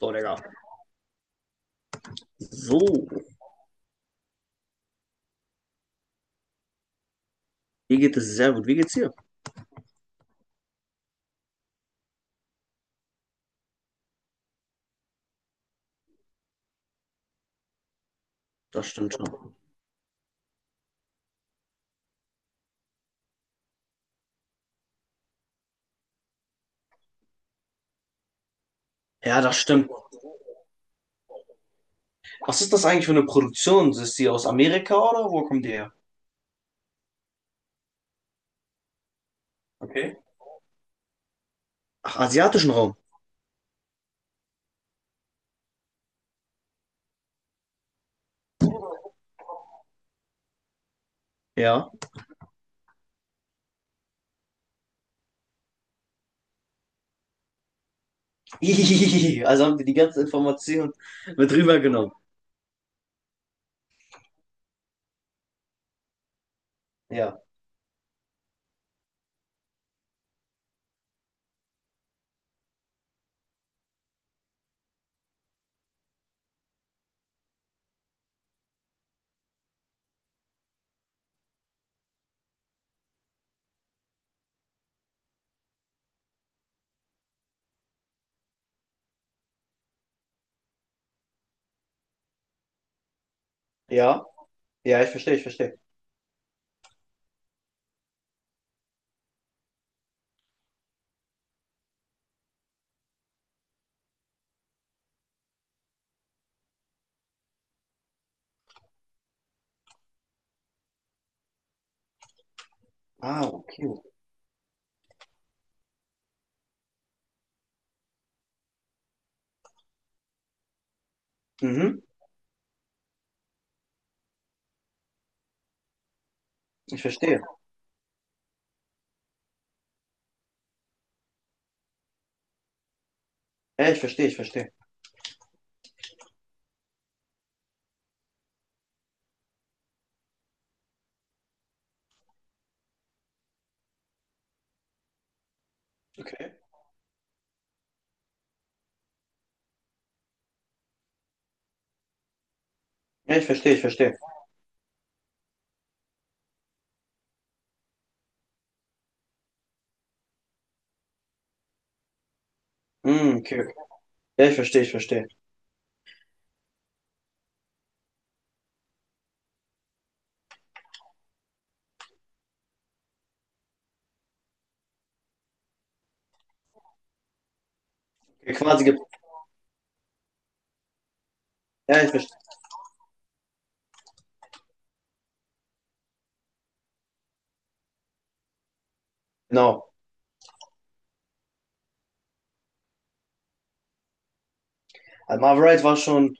So, Digga. So. Mir geht es sehr gut. Wie geht's dir? Das stimmt schon. Ja, das stimmt. Was ist das eigentlich für eine Produktion? Ist die aus Amerika oder wo kommt die her? Okay. Ach, asiatischen Raum. Ja. Also haben die die ganze Information mit rübergenommen. Ja. Ja. Ja, ich verstehe, ich verstehe. Ah, okay. Mhm. Ich verstehe. Ja, ich verstehe, ich verstehe. Okay. Ja, ich verstehe, ich verstehe. Mm, okay, okay. Ja, ich verstehe, ich verstehe. Okay, Quasi gibt. Ja, ich verstehe. Genau. Also Marvel Wright war schon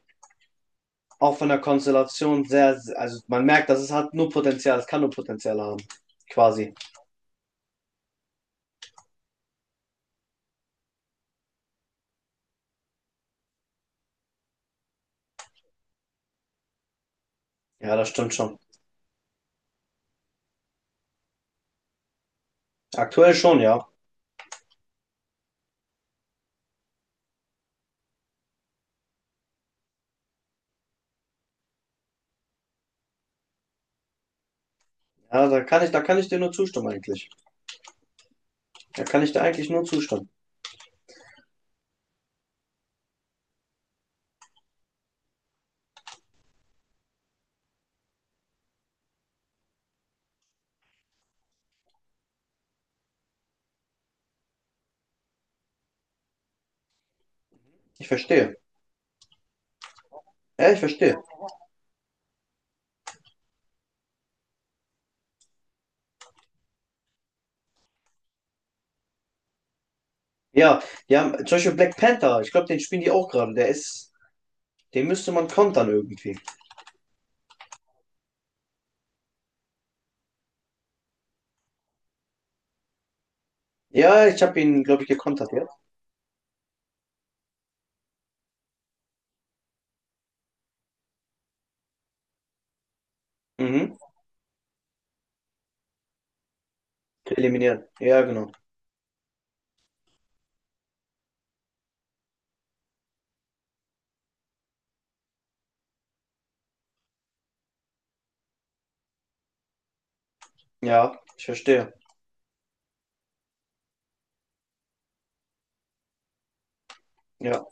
auch von der Konstellation sehr, also man merkt, dass es hat nur Potenzial, es kann nur Potenzial haben. Quasi. Ja, das stimmt schon. Aktuell schon, ja. Ja, da kann ich dir nur zustimmen eigentlich. Da kann ich dir eigentlich nur zustimmen. Ich verstehe. Ja, ich verstehe. Ja, die haben zum Beispiel Black Panther, ich glaube, den spielen die auch gerade. Den müsste man kontern irgendwie. Ja, ich habe ihn, glaube ich, gekontert, ja. Mhm. Eliminieren. Ja, genau. Ja, ich verstehe. Ja,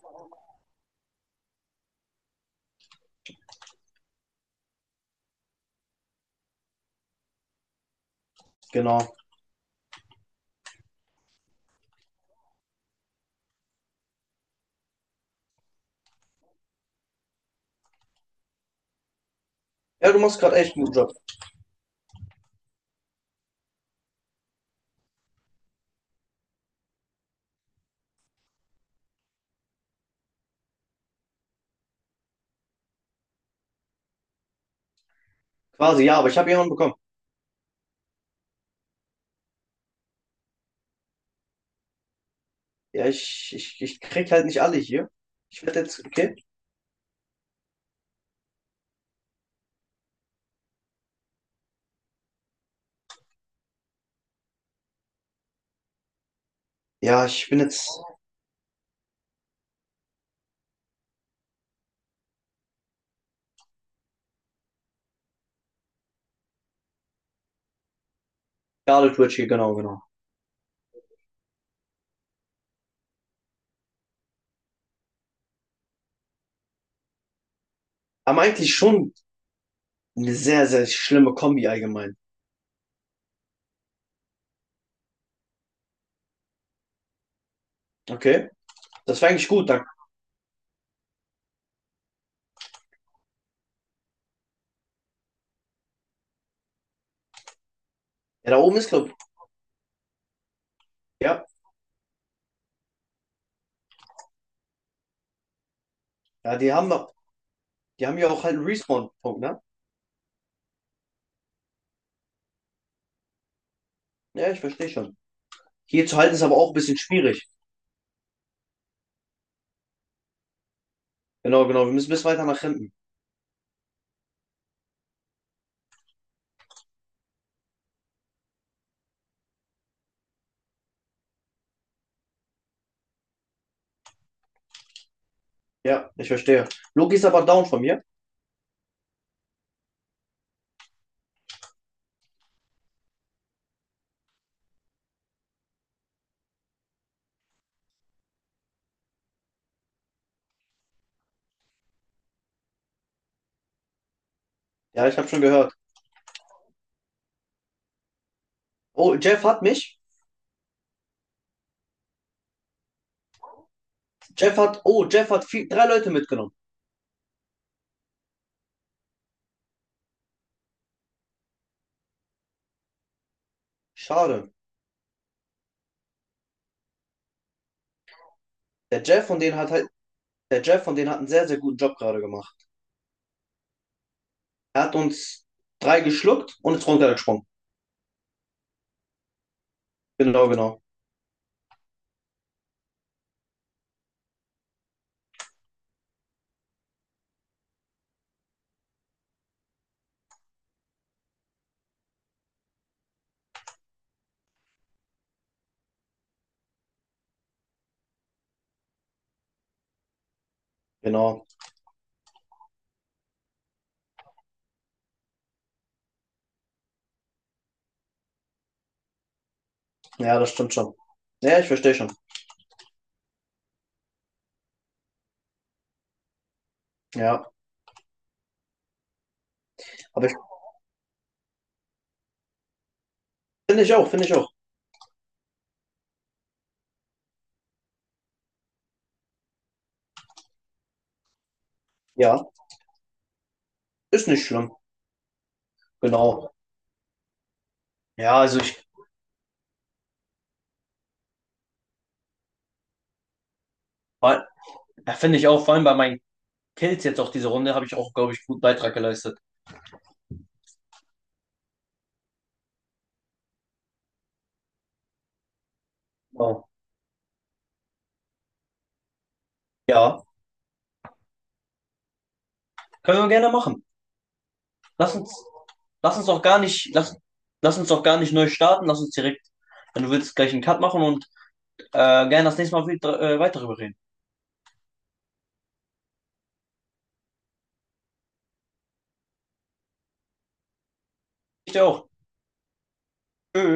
genau. Ja, du machst gerade echt einen guten Job. Quasi, ja, aber ich habe jemanden bekommen. Ja, ich krieg halt nicht alle hier. Ich werde jetzt, okay? Ja, ich bin jetzt Scarlet Witch hier, genau, genau. Aber eigentlich schon eine sehr, sehr schlimme Kombi allgemein. Okay? Das war eigentlich gut. Da, ja, da oben ist, glaub ich. Ja. Ja, die haben ja auch halt einen Respawn-Punkt, ne? Ja, ich verstehe schon. Hier zu halten ist aber auch ein bisschen schwierig. Genau, genau. Wir müssen bis weiter nach hinten. Ja, ich verstehe. Loki ist aber down von mir. Ja, ich habe schon gehört. Oh, Jeff hat mich. Oh, Jeff hat vier, drei Leute mitgenommen. Schade. Der Jeff von denen hat halt, der Jeff von denen hat einen sehr, sehr guten Job gerade gemacht. Er hat uns drei geschluckt und ist runtergesprungen. Genau, genau. Genau. Ja, das stimmt schon. Ja, ich verstehe schon. Ja. Aber ich finde ich auch, finde ich auch. Ja, ist nicht schlimm. Genau. Ja, also war- ja, finde ich auch, vor allem bei meinen Kills jetzt auch diese Runde, habe ich auch, glaube ich, einen guten Beitrag geleistet. Genau. Ja. Können wir gerne machen. Lass uns, lass uns auch gar nicht, lass, lass uns auch gar nicht neu starten, wenn du willst, gleich einen Cut machen und äh, gerne das nächste Mal wieder, weiter darüber reden. Ich dir auch. Tschö.